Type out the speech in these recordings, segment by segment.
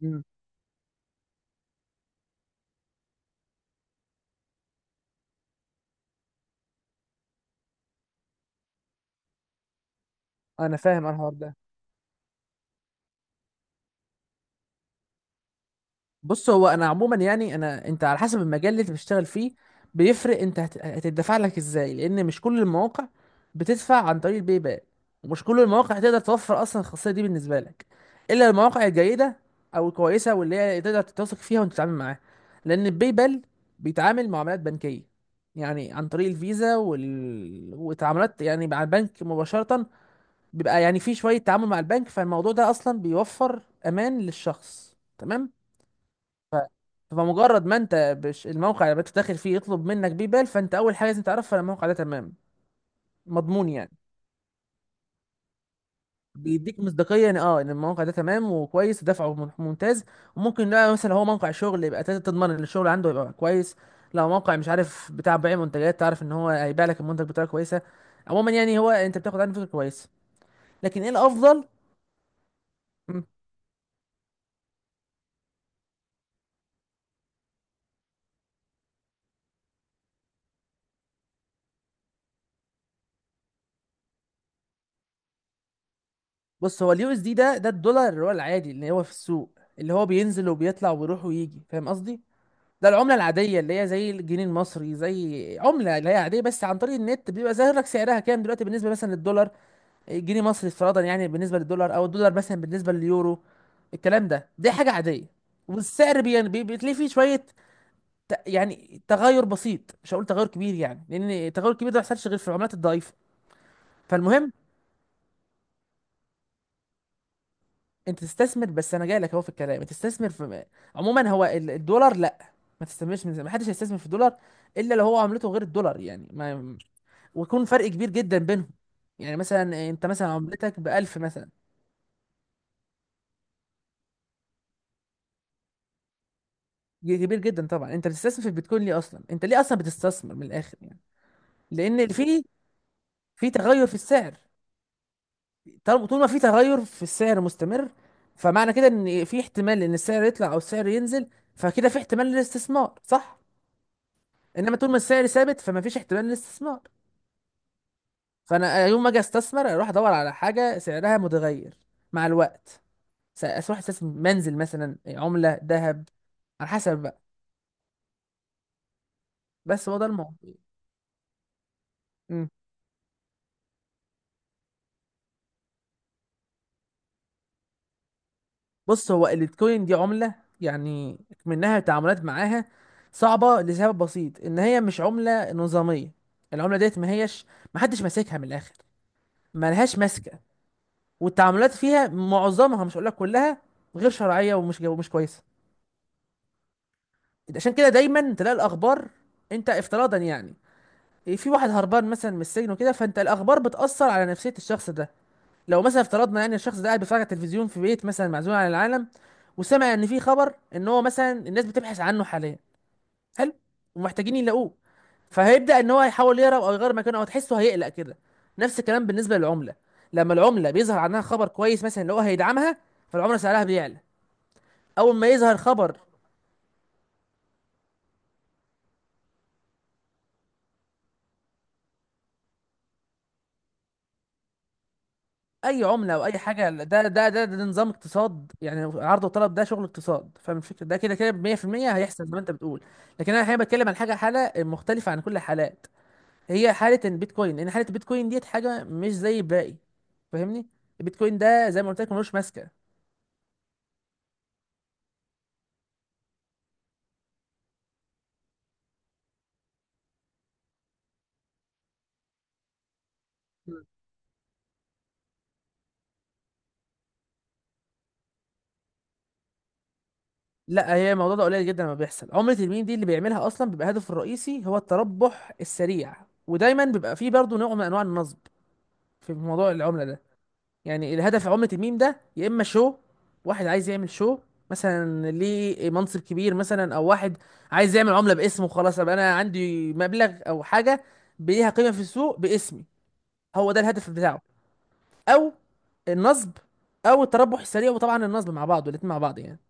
مم. انا فاهم أنا الحوار ده. بص، هو انا عموما، يعني انت على حسب المجال اللي انت بتشتغل فيه، بيفرق. انت هتدفع لك ازاي؟ لان مش كل المواقع بتدفع عن طريق الباي بال، ومش كل المواقع هتقدر توفر اصلا الخاصيه دي بالنسبه لك، الا المواقع الجيده او الكويسه واللي هي تقدر تتوثق فيها وانت تتعامل معاها. لان الباي بال بيتعامل معاملات بنكيه، يعني عن طريق الفيزا وتعاملات يعني مع البنك مباشره، بيبقى يعني في شوية تعامل مع البنك، فالموضوع ده أصلا بيوفر أمان للشخص، تمام. فمجرد ما أنت بش الموقع اللي أنت داخل فيه يطلب منك بيبال، فأنت أول حاجة لازم تعرفها إن الموقع ده تمام، مضمون يعني. بيديك مصداقية إن إن الموقع ده تمام وكويس، ودفعه ممتاز. وممكن لا، مثلا هو موقع شغل، يبقى تقدر تضمن إن الشغل عنده يبقى كويس. لو موقع مش عارف بتاع بيع منتجات، تعرف إن هو هيبيع لك المنتج بطريقة كويسة. عموما يعني، هو أنت بتاخد عنه فكرة كويسة. لكن إيه الأفضل؟ بص، هو اليو اس دي ده، ده الدولار اللي هو العادي اللي هو في السوق، اللي هو بينزل وبيطلع ويروح ويجي. فاهم قصدي؟ ده العمله العاديه، اللي هي زي الجنيه المصري، زي عمله اللي هي عاديه. بس عن طريق النت بيبقى ظاهر لك سعرها كام دلوقتي، بالنسبه مثلا للدولار، جنيه مصري افتراضا يعني، بالنسبه للدولار، او الدولار مثلا بالنسبه لليورو. الكلام ده دي حاجه عاديه. والسعر يعني، بتلاقي فيه شويه يعني تغير بسيط، مش هقول تغير كبير يعني، لان التغير الكبير ده ما بيحصلش غير في العملات الضعيفه. فالمهم، انت تستثمر. بس انا جاي لك اهو في الكلام، انت تستثمر في عموما، هو الدولار، لا. ما تستثمرش من زمان، ما حدش هيستثمر في الدولار، الا لو هو عملته غير الدولار يعني، ما، ويكون فرق كبير جدا بينهم. يعني مثلا انت مثلا عملتك ب 1000 مثلا، كبير جدا طبعا. انت بتستثمر في البيتكوين ليه اصلا؟ انت ليه اصلا بتستثمر من الاخر يعني؟ لان في تغير في السعر. طول ما في تغير في السعر مستمر، فمعنى كده ان في احتمال ان السعر يطلع او السعر ينزل، فكده في احتمال للاستثمار، صح؟ انما طول ما السعر ثابت، فما فيش احتمال للاستثمار. فانا يوم ما اجي استثمر، اروح ادور على حاجه سعرها متغير مع الوقت، اروح استثمر منزل مثلا، عمله، ذهب، على حسب بقى. بس هو ده الموضوع. مم. بص، هو البيتكوين دي عمله يعني، منها التعاملات معاها صعبه لسبب بسيط، ان هي مش عمله نظاميه. العمله ديت ما هيش، ما حدش ماسكها من الاخر، ما لهاش ماسكه. والتعاملات فيها معظمها، مش هقول لك كلها، غير شرعيه ومش كويسه. عشان كده دايما تلاقي الاخبار، انت افتراضا يعني، في واحد هربان مثلا من السجن وكده، فانت الاخبار بتاثر على نفسيه الشخص ده. لو مثلا افترضنا يعني الشخص ده قاعد بيتفرج على التلفزيون في بيت مثلا، معزول عن العالم، وسمع ان في خبر ان هو مثلا الناس بتبحث عنه حاليا، حلو، ومحتاجين يلاقوه، فهيبدا ان هو يحاول يهرب او يغير مكانه، او تحسه هيقلق كده. نفس الكلام بالنسبه للعمله، لما العمله بيظهر عنها خبر كويس مثلا اللي هو هيدعمها، فالعمله سعرها بيعلى. اول ما يظهر خبر، اي عمله او اي حاجه، ده نظام اقتصاد، يعني عرض وطلب، ده شغل اقتصاد. فاهم الفكره؟ ده كده كده 100%. هيحصل زي ما انت بتقول. لكن انا الحقيقه بتكلم عن حاجه، حاله مختلفه عن كل الحالات، هي حاله البيتكوين، لان حاله البيتكوين ديت حاجه مش زي الباقي. فاهمني؟ البيتكوين ده زي ما قلت لك، ملوش ماسكه. مم. لا، هي الموضوع ده قليل جدا لما بيحصل. عملة الميم دي اللي بيعملها اصلا بيبقى هدفه الرئيسي هو التربح السريع، ودايما بيبقى فيه برضه نوع من انواع النصب في موضوع العملة ده. يعني الهدف عملة الميم ده يا اما شو، واحد عايز يعمل شو مثلا ليه منصب كبير مثلا، او واحد عايز يعمل عملة باسمه، خلاص ابقى انا عندي مبلغ او حاجة ليها قيمة في السوق باسمي. هو ده الهدف بتاعه. او النصب، او التربح السريع، وطبعا النصب مع بعض، الاتنين مع بعض يعني.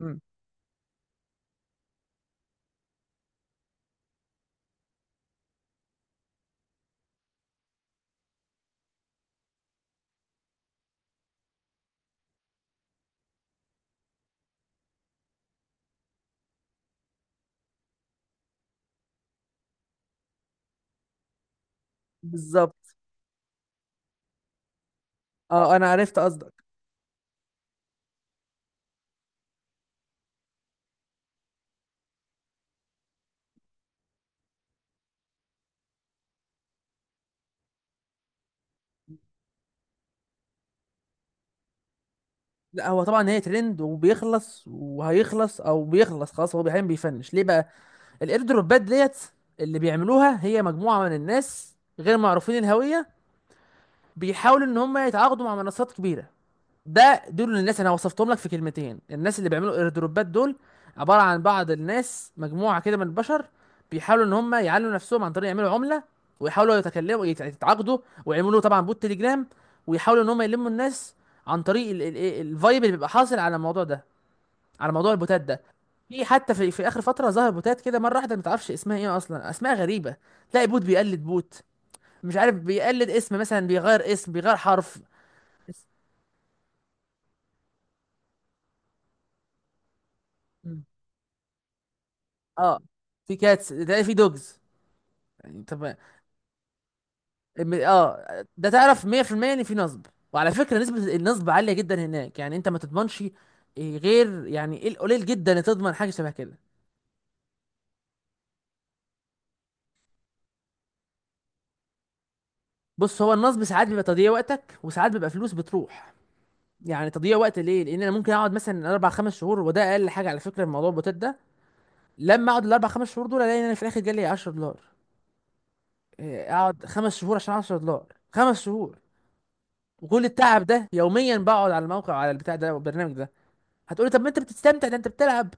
مم. بالظبط، اه انا عرفت قصدك. لا، هو طبعا هي ترند وبيخلص وهيخلص، او بيخلص خلاص. هو احيانا بيفنش ليه بقى؟ الاير دروبات ديت اللي بيعملوها هي مجموعه من الناس غير معروفين الهويه، بيحاولوا ان هم يتعاقدوا مع منصات كبيره. ده دول الناس، انا وصفتهم لك في كلمتين: الناس اللي بيعملوا اير دروبات دول عباره عن بعض الناس، مجموعه كده من البشر، بيحاولوا ان هم يعلوا نفسهم عن طريق يعملوا عمله، ويحاولوا يتكلموا يتعاقدوا، ويعملوا طبعا بوت تليجرام، ويحاولوا ان هم يلموا الناس عن طريق الفايب اللي بيبقى حاصل على الموضوع ده، على موضوع البوتات ده. في حتى في اخر فتره ظهر بوتات كده مره واحده، ما تعرفش اسمها ايه اصلا، اسماء غريبه. تلاقي بوت بيقلد بوت، مش عارف بيقلد اسم مثلا، بيغير اسم، بيغير حرف. بس- مم. اه، في كاتس، تلاقي في دوجز. يعني طب ده تعرف 100% ان في نصب، وعلى فكره نسبه النصب عاليه جدا هناك يعني، انت ما تضمنش إيه، غير يعني ايه القليل جدا اللي تضمن حاجه شبه كده. بص، هو النصب ساعات بيبقى تضييع وقتك، وساعات بيبقى فلوس بتروح. يعني تضييع وقت ليه؟ لان انا ممكن اقعد مثلا اربع خمس شهور، وده اقل حاجه على فكره في موضوع البوتات ده. لما اقعد الاربع خمس شهور دول، الاقي ان انا في الاخر جالي 10 دولار. إيه، اقعد خمس شهور عشان 10 دولار؟ خمس شهور، وكل التعب ده يوميا، بقعد على الموقع، على البتاع ده، والبرنامج ده. هتقولي طب ما انت بتستمتع، ده انت بتلعب.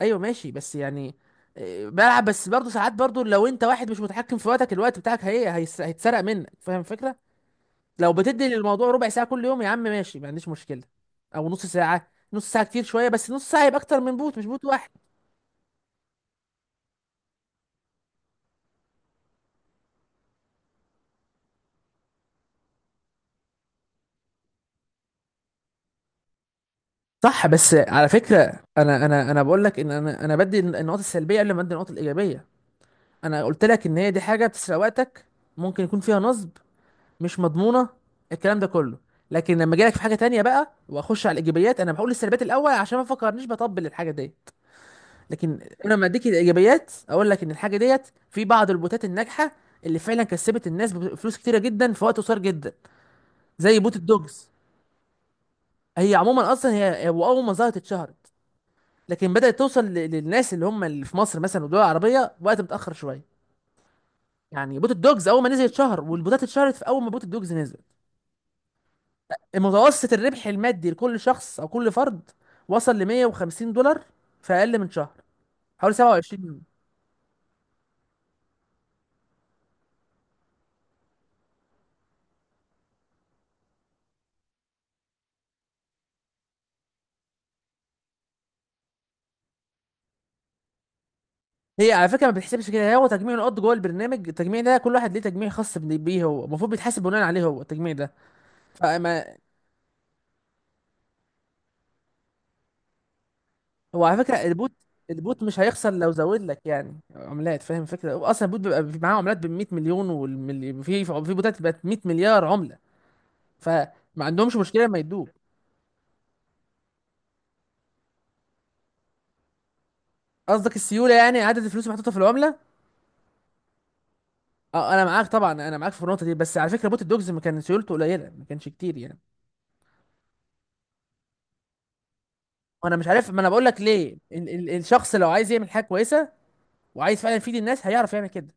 ايوه ماشي، بس يعني إيه، بلعب. بس برضه ساعات، برضه لو انت واحد مش متحكم في وقتك، الوقت بتاعك هي هيتسرق منك. فاهم الفكره؟ لو بتدي للموضوع ربع ساعة كل يوم، يا عم ماشي، ما عنديش مشكلة، او نص ساعة. نص ساعة كتير شوية، بس نص ساعة يبقى اكتر من بوت، مش بوت واحد. صح، بس على فكرة انا بقول لك ان انا بدي النقاط السلبية قبل ما ادي النقاط الإيجابية. انا قلت لك ان هي دي حاجة بتسرق وقتك، ممكن يكون فيها نصب، مش مضمونة، الكلام ده كله. لكن لما اجي لك في حاجة تانية بقى، واخش على الإيجابيات، انا بقول السلبيات الأول عشان ما افكرنيش بطبل الحاجة دي. لكن انا لما اديك الايجابيات، اقول لك ان الحاجه ديت في بعض البوتات الناجحه اللي فعلا كسبت الناس فلوس كتيره جدا في وقت قصير جدا، زي بوت الدوجز. هي عموما اصلا هو اول ما ظهرت اتشهرت، لكن بدات توصل للناس اللي هم اللي في مصر مثلا والدول العربيه وقت متاخر شويه. يعني بوت الدوجز اول ما نزل اتشهر، والبوتات اتشهرت في اول ما بوت الدوجز نزل. المتوسط الربح المادي لكل شخص او كل فرد وصل ل 150 دولار في اقل من شهر، حوالي 27. هي على فكره ما بتحسبش كده. هو تجميع النقط جوه البرنامج، التجميع ده كل واحد ليه تجميع خاص بيه، هو المفروض بيتحاسب بناء عليه، هو التجميع ده. فما هو على فكره البوت، البوت مش هيخسر لو زود لك يعني عملات. فاهم فكره؟ هو اصلا البوت بيبقى معاه عملات ب 100 مليون في بوتات بقت 100 مليار عمله. فما عندهمش مشكله، ما يدوك. قصدك السيوله يعني، عدد الفلوس المحطوطه في العمله. اه، انا معاك طبعا، انا معاك في النقطه دي. بس على فكره بوت الدوجز ما كان سيولته قليله، ما كانش كتير يعني. وانا مش عارف، ما انا بقول لك ليه ال ال الشخص لو عايز يعمل حاجه كويسه، وعايز فعلا يفيد الناس هيعرف يعمل كده.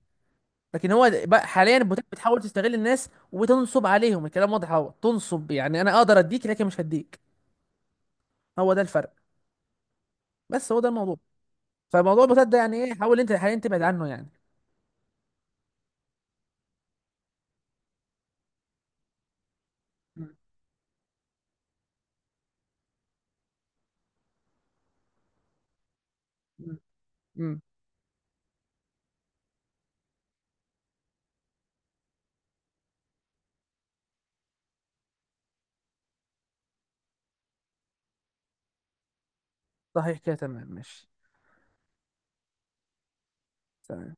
لكن هو بقى حاليا البوتات بتحاول تستغل الناس وتنصب عليهم. الكلام واضح اهو، تنصب يعني انا اقدر اديك لكن مش هديك. هو ده الفرق. بس هو ده الموضوع. فموضوع البوتات ده يعني ايه، حاول انت حاليا تبعد عنه يعني. امم صحيح كده، تمام ماشي. تمام.